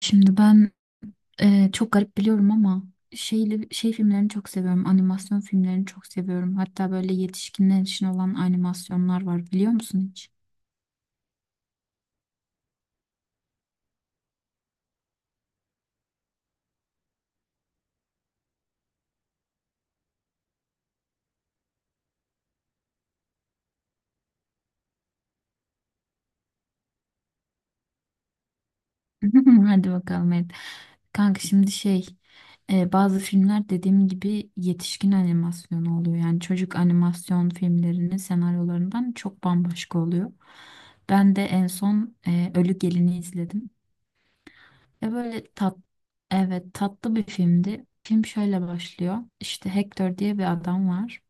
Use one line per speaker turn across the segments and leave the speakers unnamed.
Şimdi ben çok garip biliyorum ama şey filmlerini çok seviyorum. Animasyon filmlerini çok seviyorum. Hatta böyle yetişkinler için olan animasyonlar var, biliyor musun hiç? Hadi bakalım, evet. Kanka şimdi bazı filmler, dediğim gibi, yetişkin animasyonu oluyor. Yani çocuk animasyon filmlerinin senaryolarından çok bambaşka oluyor. Ben de en son Ölü Gelin'i izledim. Ya böyle evet, tatlı bir filmdi. Film şöyle başlıyor. İşte Hector diye bir adam var.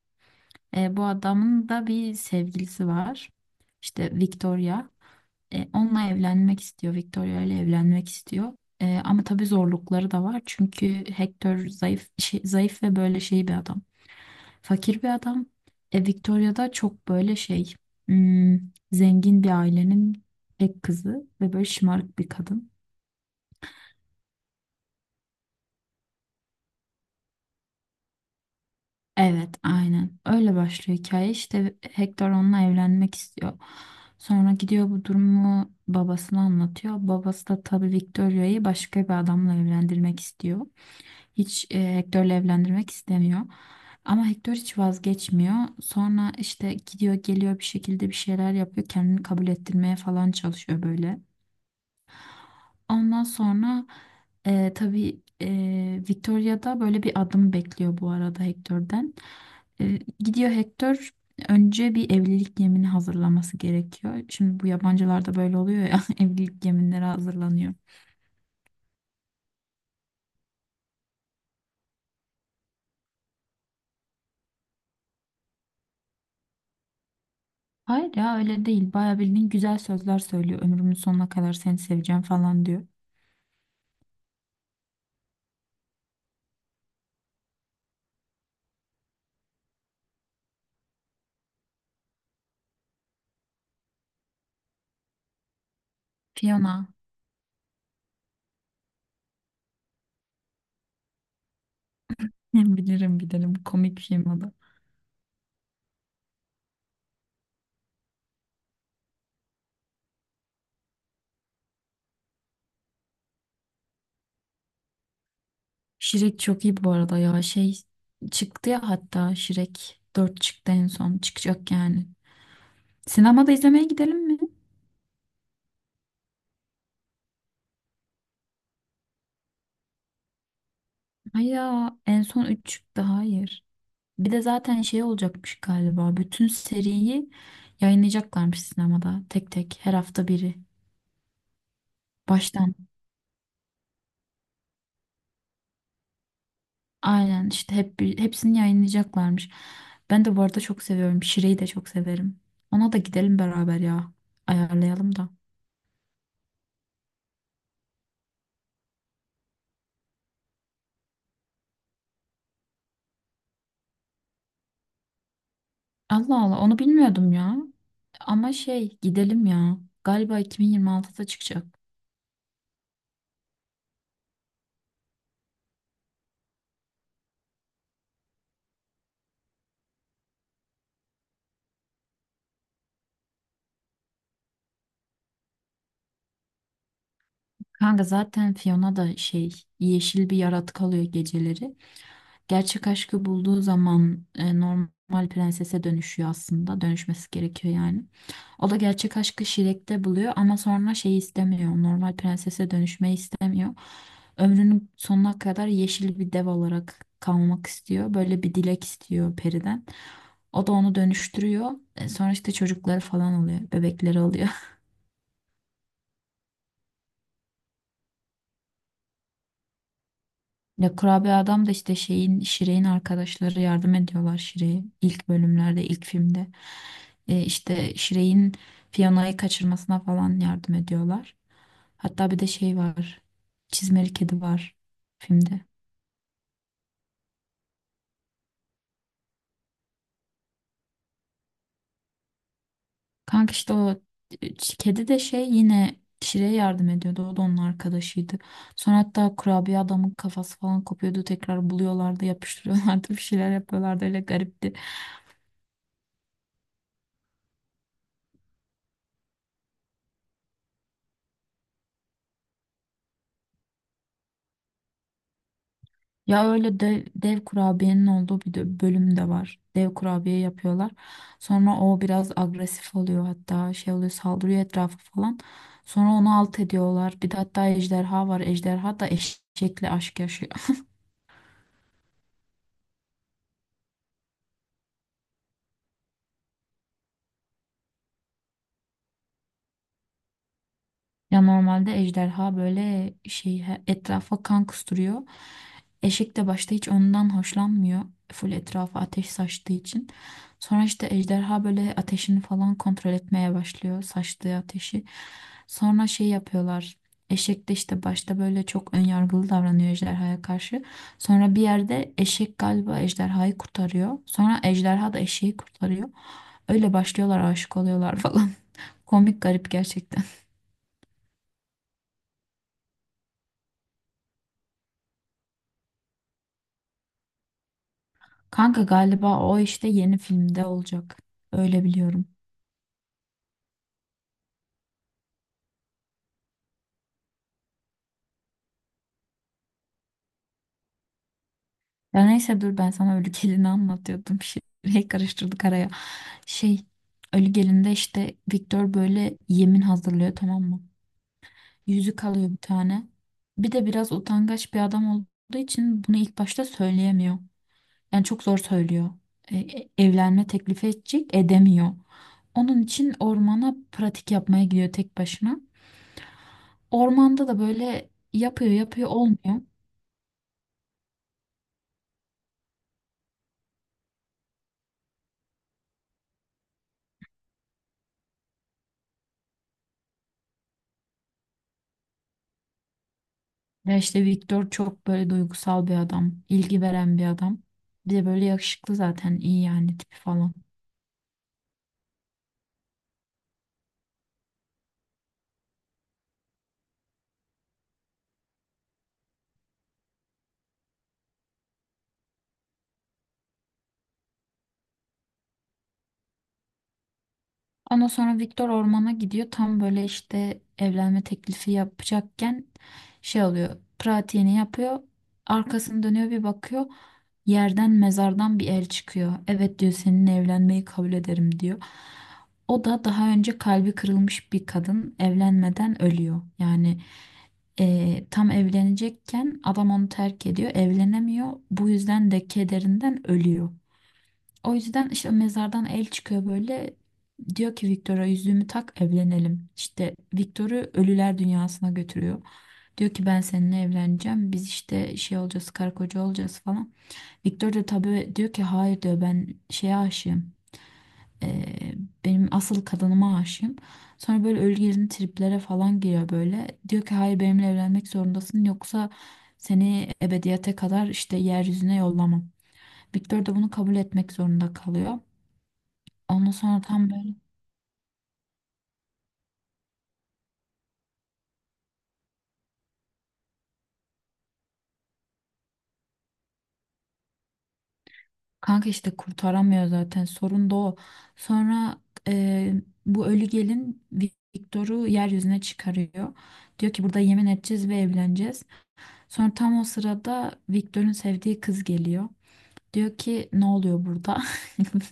Bu adamın da bir sevgilisi var. İşte Victoria. Onunla evlenmek istiyor. Victoria ile evlenmek istiyor. Ama tabii zorlukları da var. Çünkü Hector zayıf zayıf ve böyle şey bir adam. Fakir bir adam. Victoria da çok böyle hmm, zengin bir ailenin tek kızı ve böyle şımarık bir kadın. Evet, aynen. Öyle başlıyor hikaye. İşte Hector onunla evlenmek istiyor. Sonra gidiyor, bu durumu babasına anlatıyor. Babası da tabii Victoria'yı başka bir adamla evlendirmek istiyor. Hiç Hector'la evlendirmek istemiyor. Ama Hector hiç vazgeçmiyor. Sonra işte gidiyor geliyor, bir şekilde bir şeyler yapıyor. Kendini kabul ettirmeye falan çalışıyor böyle. Ondan sonra tabii Victoria da böyle bir adım bekliyor bu arada Hector'den. Gidiyor Hector, önce bir evlilik yemini hazırlaması gerekiyor. Şimdi bu yabancılarda böyle oluyor ya, evlilik yeminleri hazırlanıyor. Hayır ya, öyle değil. Bayağı bildiğin güzel sözler söylüyor. Ömrümün sonuna kadar seni seveceğim falan diyor. Fiona. Bilirim, bilirim. Komik bir film o da. Şirek çok iyi bu arada ya. Çıktı ya, hatta Şirek 4 çıktı en son. Çıkacak yani. Sinemada izlemeye gidelim mi? Ay ya, en son 3 çıktı, hayır. Bir de zaten şey olacakmış galiba. Bütün seriyi yayınlayacaklarmış sinemada. Tek tek, her hafta biri. Baştan. Aynen işte, hep hepsini yayınlayacaklarmış. Ben de bu arada çok seviyorum. Şire'yi de çok severim. Ona da gidelim beraber ya. Ayarlayalım da. Allah Allah, onu bilmiyordum ya. Ama şey, gidelim ya. Galiba 2026'da çıkacak. Kanka zaten Fiona da yeşil bir yaratık alıyor geceleri. Gerçek aşkı bulduğu zaman normal prensese dönüşüyor aslında. Dönüşmesi gerekiyor yani. O da gerçek aşkı Şirek'te buluyor, ama sonra şeyi istemiyor. Normal prensese dönüşmeyi istemiyor. Ömrünün sonuna kadar yeşil bir dev olarak kalmak istiyor. Böyle bir dilek istiyor periden. O da onu dönüştürüyor. Sonra işte çocukları falan oluyor. Bebekleri oluyor. Ya kurabiye adam da işte Şire'in arkadaşları yardım ediyorlar Şire'ye, ilk bölümlerde, ilk filmde işte Şire'in Fiona'yı kaçırmasına falan yardım ediyorlar. Hatta bir de şey var çizmeli kedi var filmde. Kanka işte o e, kedi de yine Şire'ye yardım ediyordu, o da onun arkadaşıydı. Sonra hatta kurabiye adamın kafası falan kopuyordu, tekrar buluyorlardı, yapıştırıyorlardı, bir şeyler yapıyorlardı, öyle garipti. Ya öyle dev, dev kurabiyenin olduğu bir de bölüm de var. Dev kurabiye yapıyorlar. Sonra o biraz agresif oluyor, hatta şey oluyor, saldırıyor etrafı falan. Sonra onu alt ediyorlar. Bir de hatta ejderha var. Ejderha da eşekle aşk yaşıyor. Ya normalde ejderha böyle etrafa kan kusturuyor. Eşek de başta hiç ondan hoşlanmıyor. Full etrafa ateş saçtığı için. Sonra işte ejderha böyle ateşini falan kontrol etmeye başlıyor. Saçtığı ateşi. Sonra şey yapıyorlar. Eşek de işte başta böyle çok önyargılı davranıyor ejderhaya karşı. Sonra bir yerde eşek galiba ejderhayı kurtarıyor. Sonra ejderha da eşeği kurtarıyor. Öyle başlıyorlar, aşık oluyorlar falan. Komik, garip gerçekten. Kanka galiba o işte yeni filmde olacak. Öyle biliyorum. Ya neyse, dur ben sana Ölü Gelin'i anlatıyordum. Karıştırdık araya. Şey Ölü Gelin'de işte Victor böyle yemin hazırlıyor, tamam mı? Yüzük alıyor bir tane. Bir de biraz utangaç bir adam olduğu için bunu ilk başta söyleyemiyor. Yani çok zor söylüyor. Evlenme teklifi edecek, edemiyor. Onun için ormana pratik yapmaya gidiyor tek başına. Ormanda da böyle yapıyor yapıyor, olmuyor. Ya işte Victor çok böyle duygusal bir adam, ilgi veren bir adam. Bir de böyle yakışıklı, zaten iyi yani tipi falan. Ondan sonra Victor ormana gidiyor. Tam böyle işte evlenme teklifi yapacakken şey oluyor. Pratiğini yapıyor. Arkasını dönüyor, bir bakıyor. Yerden, mezardan bir el çıkıyor. Evet diyor, seninle evlenmeyi kabul ederim diyor. O da daha önce kalbi kırılmış bir kadın, evlenmeden ölüyor. Yani tam evlenecekken adam onu terk ediyor, evlenemiyor. Bu yüzden de kederinden ölüyor. O yüzden işte mezardan el çıkıyor böyle. Diyor ki Victor'a, yüzüğümü tak, evlenelim. İşte Victor'u ölüler dünyasına götürüyor. Diyor ki ben seninle evleneceğim. Biz işte şey olacağız, karı koca olacağız falan. Victor da tabii diyor ki hayır, diyor, ben şeye aşığım. Ee, Benim asıl kadınıma aşığım. Sonra böyle ölü gezgin triplere falan giriyor böyle. Diyor ki hayır, benimle evlenmek zorundasın, yoksa seni ebediyete kadar işte yeryüzüne yollamam. Victor da bunu kabul etmek zorunda kalıyor. Ondan sonra tam böyle. Kanka işte kurtaramıyor, zaten sorun da o. Sonra e, bu ölü gelin Victor'u yeryüzüne çıkarıyor. Diyor ki burada yemin edeceğiz ve evleneceğiz. Sonra tam o sırada Victor'un sevdiği kız geliyor. Diyor ki ne oluyor burada?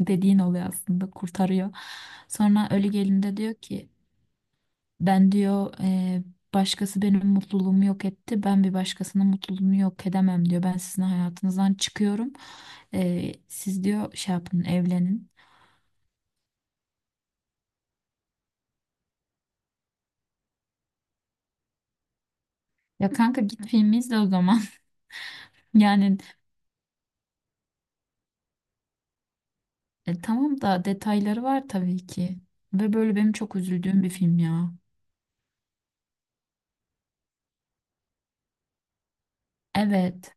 Dediğin oluyor aslında, kurtarıyor. Sonra ölü gelin de diyor ki ben, diyor, başkası benim mutluluğumu yok etti. Ben bir başkasının mutluluğunu yok edemem," diyor. Ben sizin hayatınızdan çıkıyorum. Siz diyor, şey yapın, evlenin. Ya kanka, git filmi izle o zaman. Yani tamam da detayları var tabii ki. Ve böyle benim çok üzüldüğüm bir film ya. Evet.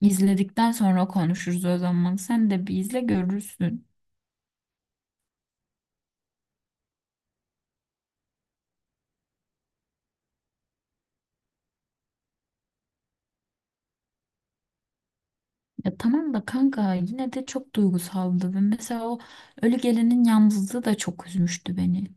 izledikten sonra konuşuruz o zaman. Sen de bir izle, görürsün. Ya tamam da kanka, yine de çok duygusaldı ve mesela o ölü gelinin yalnızlığı da çok üzmüştü beni.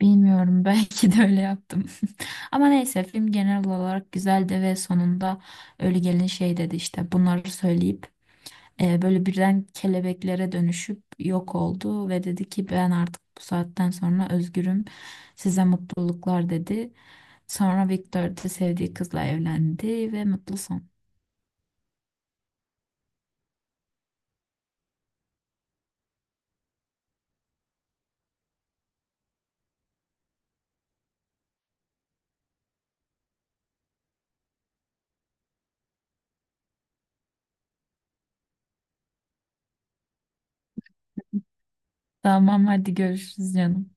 Bilmiyorum, belki de öyle yaptım. Ama neyse, film genel olarak güzeldi ve sonunda ölü gelin şey dedi, işte bunları söyleyip böyle birden kelebeklere dönüşüp yok oldu ve dedi ki ben artık bu saatten sonra özgürüm, size mutluluklar, dedi. Sonra Victor de sevdiği kızla evlendi ve mutlu son. Tamam, hadi görüşürüz canım.